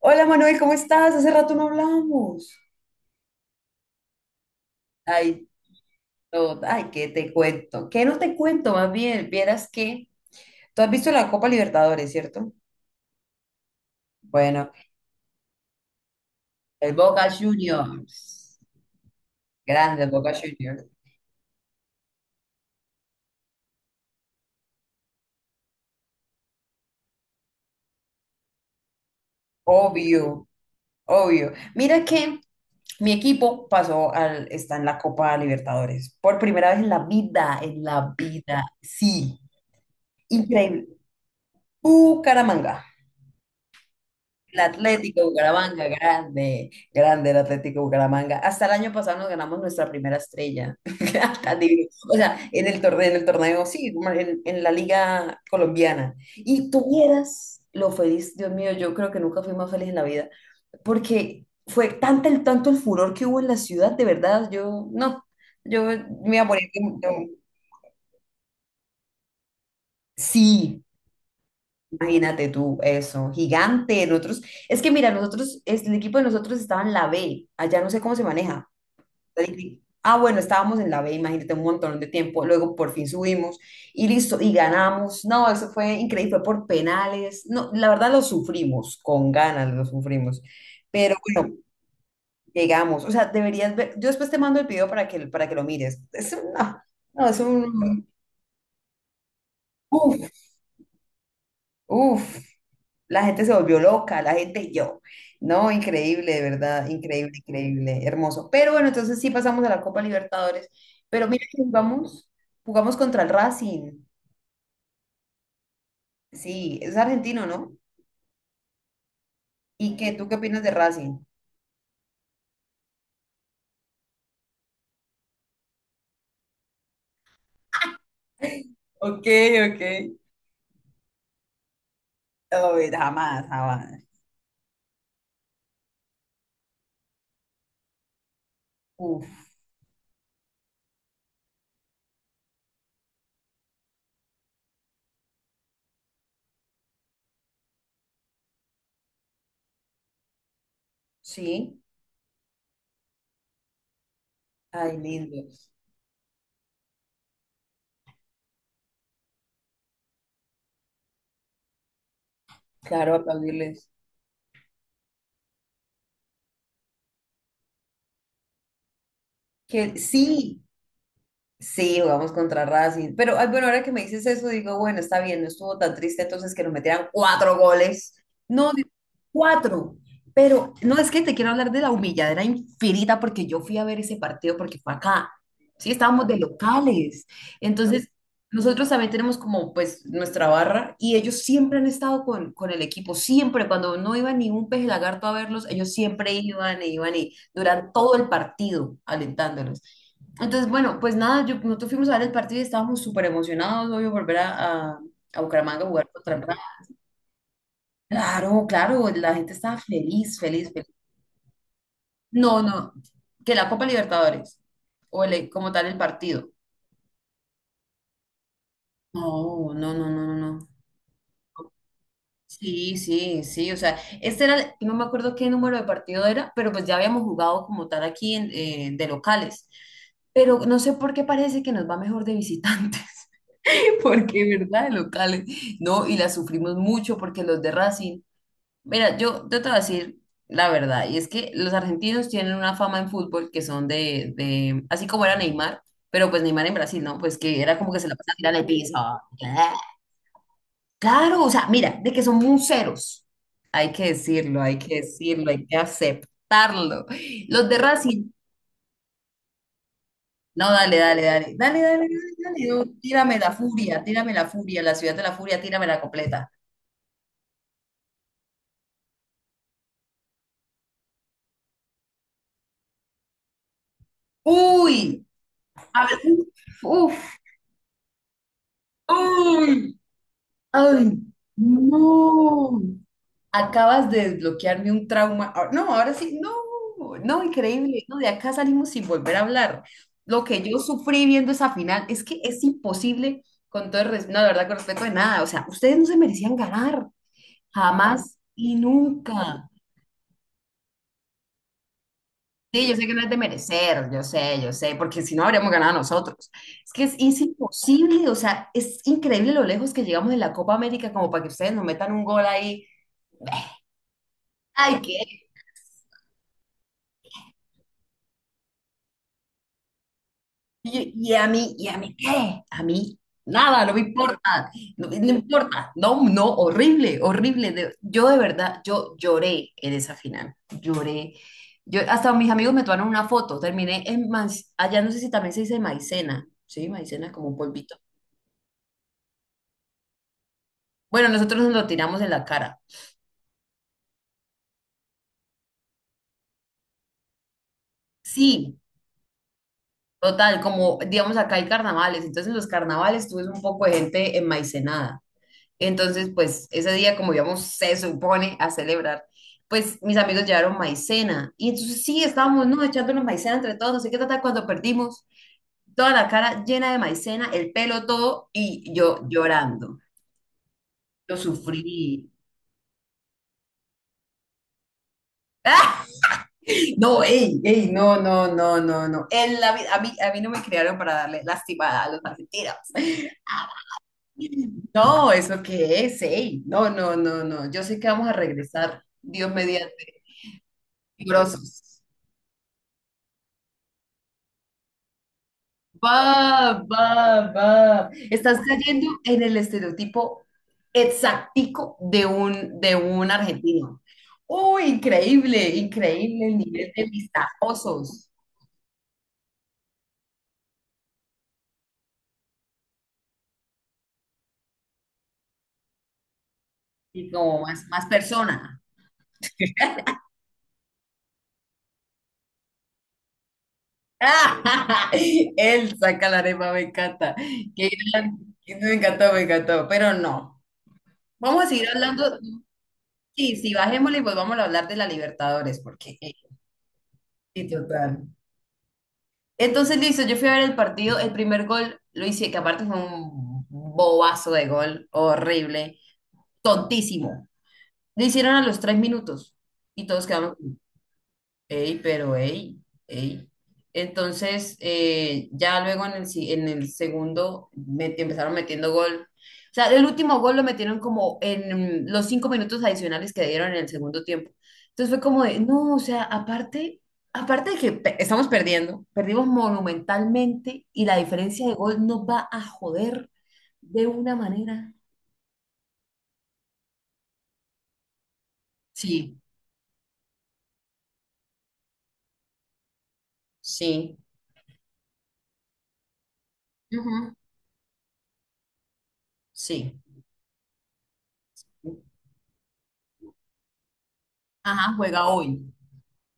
Hola Manuel, ¿cómo estás? Hace rato no hablábamos. Ay, no, ay, ¿qué te cuento? ¿Qué no te cuento? Más bien, vieras que tú has visto la Copa Libertadores, ¿cierto? Bueno, el Boca Juniors. Grande el Boca Juniors. Obvio, obvio. Mira que mi equipo está en la Copa Libertadores. Por primera vez en la vida, en la vida. Sí, increíble. Bucaramanga. El Atlético Bucaramanga, grande, grande el Atlético Bucaramanga. Hasta el año pasado nos ganamos nuestra primera estrella. Tan divino. O sea, en el torneo, sí, como en la liga colombiana. Y tuvieras lo feliz, Dios mío, yo creo que nunca fui más feliz en la vida, porque fue tanto el furor que hubo en la ciudad, de verdad, yo, no, yo me iba a morir. Sí, imagínate tú, eso, gigante. Nosotros, es que mira, nosotros, el equipo de nosotros estaba en la B, allá no sé cómo se maneja. Ah, bueno, estábamos en la B, imagínate un montón de tiempo, luego por fin subimos y listo, y ganamos. No, eso fue increíble, fue por penales. No, la verdad lo sufrimos, con ganas lo sufrimos. Pero bueno, llegamos. O sea, deberías ver, yo después te mando el video para que, lo mires. Es una, no, es un, uff, uff. La gente se volvió loca, la gente yo. No, increíble, de verdad, increíble, increíble, hermoso. Pero bueno, entonces sí pasamos a la Copa Libertadores. Pero mira que jugamos, jugamos contra el Racing. Sí, es argentino, ¿no? ¿Y qué? ¿Tú qué opinas de Racing? Ok, ok. Oh, jamás, jamás. Uf, sí. Ay, lindo. Claro, aplaudirles. Que sí, sí, jugamos contra Racing. Pero ay, bueno, ahora que me dices eso, digo, bueno, está bien, no estuvo tan triste entonces que nos metieran cuatro goles. No, cuatro. Pero no es que te quiero hablar de la humilladera infinita porque yo fui a ver ese partido porque fue acá. Sí, estábamos de locales. Entonces, nosotros también tenemos como pues nuestra barra y ellos siempre han estado con el equipo, siempre. Cuando no iba ni un peje lagarto a verlos, ellos siempre iban e iban y duran todo el partido alentándolos. Entonces, bueno, pues nada, yo, nosotros fuimos a ver el partido y estábamos súper emocionados, obvio, volver a, Bucaramanga a jugar contra el claro, claro, la gente estaba feliz, feliz, feliz. No, no, que la Copa Libertadores, o como tal el partido. No, no, no, no, no, no. Sí, sí, sí, o sea, este era, no me acuerdo qué número de partido era, pero pues ya habíamos jugado como tal aquí de locales. Pero no sé por qué parece que nos va mejor de visitantes. Porque, ¿verdad? De locales. No, y la sufrimos mucho porque los de Racing. Mira, yo te voy a decir la verdad, y es que los argentinos tienen una fama en fútbol que son así como era Neymar, pero pues Neymar en Brasil, ¿no? Pues que era como que se la pasaba tirando el piso. Claro, o sea, mira, de que son museros. Hay que decirlo, hay que decirlo, hay que aceptarlo. Los de Racing, no, dale, dale, dale, dale dale dale tírame tírame tírame la la la la la furia furia furia ciudad de la furia, tírame la completa. Uy, a ver, uf, ¡ay! Ay, no. Acabas de desbloquearme un trauma. Ah, no, ahora sí, no, no, increíble. No, de acá salimos sin volver a hablar. Lo que yo sufrí viendo esa final es que es imposible, con todo el respeto, no, de verdad, con respeto de nada. O sea, ustedes no se merecían ganar, jamás y nunca. Sí, yo sé que no es de merecer, yo sé, porque si no habríamos ganado nosotros. Es que es, imposible, o sea, es increíble lo lejos que llegamos en la Copa América como para que ustedes nos metan un gol ahí. Ay, ¿qué? Y a mí, ¿y a mí qué? A mí, nada, no me importa. No, no, horrible, horrible. Yo de verdad, yo lloré en esa final, lloré. Yo, hasta mis amigos me tomaron una foto, terminé en, allá no sé si también se dice maicena, ¿sí? Maicena es como un polvito. Bueno, nosotros nos lo tiramos en la cara. Sí, total, como digamos acá hay carnavales, entonces en los carnavales tú ves un poco de gente enmaicenada. Entonces, pues ese día, como digamos, se supone a celebrar, pues mis amigos llevaron maicena. Y entonces sí, estábamos, ¿no? Echándonos maicena entre todos, no sé qué tal, cuando perdimos toda la cara llena de maicena, el pelo todo, y yo llorando. Lo sufrí. ¡Ah! No, ey, ey, no, no, no, no, no. Vida a mí no me criaron para darle lastimada a los argentinos. No, ¿eso qué es? Ey, no, no, no, no. Yo sé que vamos a regresar, Dios mediante, grosos. Va, va, va. Estás cayendo en el estereotipo exactico de un argentino. ¡Uy, increíble, increíble el nivel de vistajosos! Y como más, más persona. Él saca la arepa, me encanta. Qué gran- me encantó, pero no. Vamos a seguir hablando. Sí, sí, bajémosle y volvamos a hablar de la Libertadores, sí, total. Entonces, listo, yo fui a ver el partido, el primer gol lo hice, que aparte fue un bobazo de gol, horrible, tontísimo. Lo hicieron a los 3 minutos y todos quedamos... Ey, pero ey, ey. Entonces, ya luego en el, si- en el segundo empezaron metiendo gol. O sea, el último gol lo metieron como en los 5 minutos adicionales que dieron en el segundo tiempo. Entonces fue como de, no, o sea, aparte, de que estamos perdiendo, perdimos monumentalmente y la diferencia de gol nos va a joder de una manera. Sí. Sí, ujú. Sí. Ajá, juega hoy.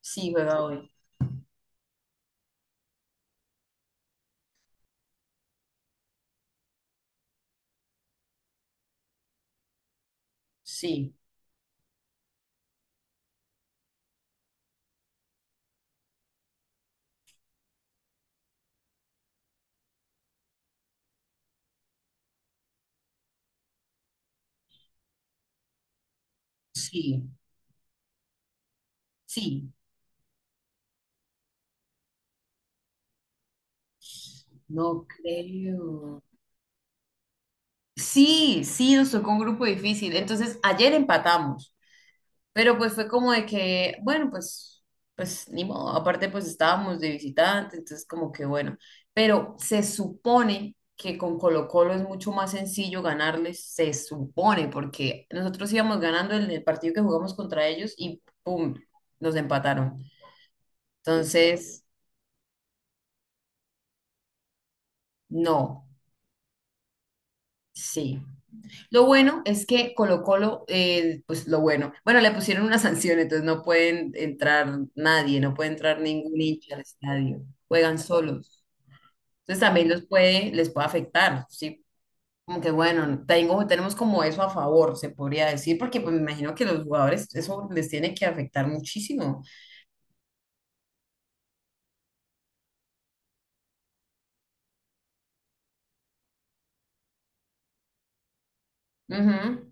Sí, juega hoy. Sí. Sí, sí, no creo. Sí, sí, nos tocó un grupo difícil. Entonces, ayer empatamos, pero pues fue como de que, bueno, pues ni modo. Aparte, pues estábamos de visitante, entonces como que bueno. Pero se supone que con Colo-Colo es mucho más sencillo ganarles, se supone, porque nosotros íbamos ganando en el partido que jugamos contra ellos y ¡pum! Nos empataron. Entonces, no, sí. Lo bueno es que Colo Colo, pues lo bueno, bueno, le pusieron una sanción, entonces no pueden entrar nadie, no puede entrar ningún hincha al estadio, juegan solos. Entonces también los puede, les puede afectar, ¿sí? Como que bueno, tengo, tenemos como eso a favor, se podría decir, porque pues me imagino que los jugadores eso les tiene que afectar muchísimo. Ujú.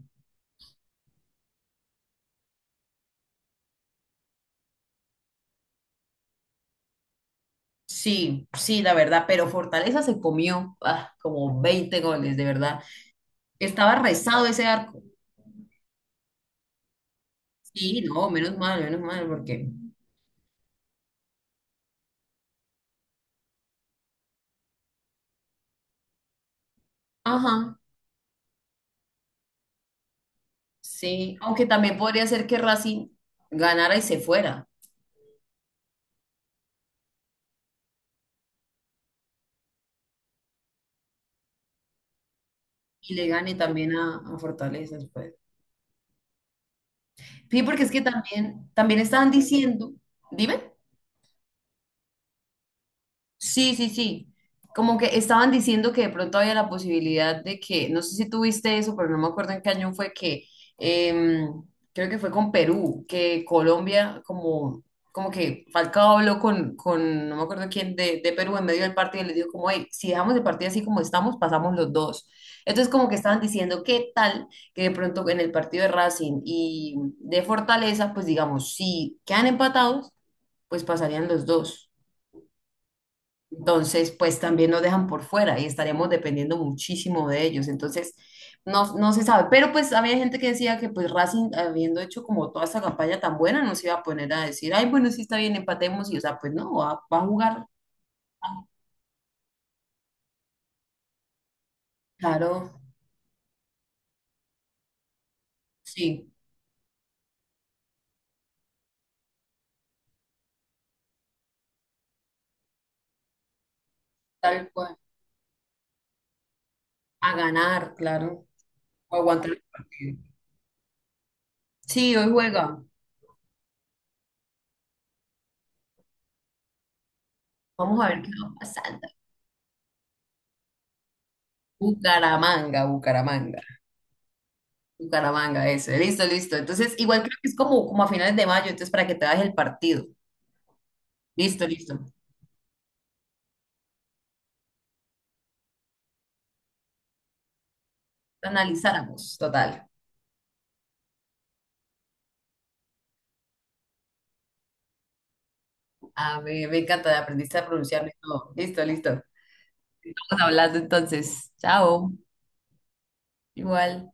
Sí, sí, la verdad, pero Fortaleza se comió como 20 goles, de verdad. Estaba rezado ese arco. Sí, no, menos mal, porque ajá, sí. Aunque también podría ser que Racing ganara y se fuera. Y le gane también a Fortaleza después. Sí, porque es que también, también estaban diciendo, dime. Sí, sí, sí. Como que estaban diciendo que de pronto había la posibilidad de que, no sé si tuviste eso, pero no me acuerdo en qué año fue que, em, creo que fue con Perú, que Colombia como que Falcao habló con, no me acuerdo quién, de Perú en medio del partido y les dijo como, hey, si dejamos el partido así como estamos, pasamos los dos. Entonces como que estaban diciendo, ¿qué tal que de pronto en el partido de Racing y de Fortaleza, pues digamos, si quedan empatados, pues pasarían los dos? Entonces, pues también nos dejan por fuera y estaremos dependiendo muchísimo de ellos. Entonces, no, no se sabe. Pero pues había gente que decía que pues Racing, habiendo hecho como toda esa campaña tan buena, no se iba a poner a decir, ay, bueno, sí está bien, empatemos. Y o sea, pues no, va, a jugar. Claro, sí, tal cual. A ganar, claro. O aguantar el partido. Sí, hoy juega. Vamos a ver qué va pasando. Bucaramanga, Bucaramanga. Bucaramanga, eso. Listo, listo. Entonces, igual creo que es como, a finales de mayo, entonces para que te hagas el partido. Listo, listo. Analizáramos, total. A ver, me encanta aprendiste a pronunciarlo y todo. Listo, listo. Estamos hablando entonces. Chao. Igual.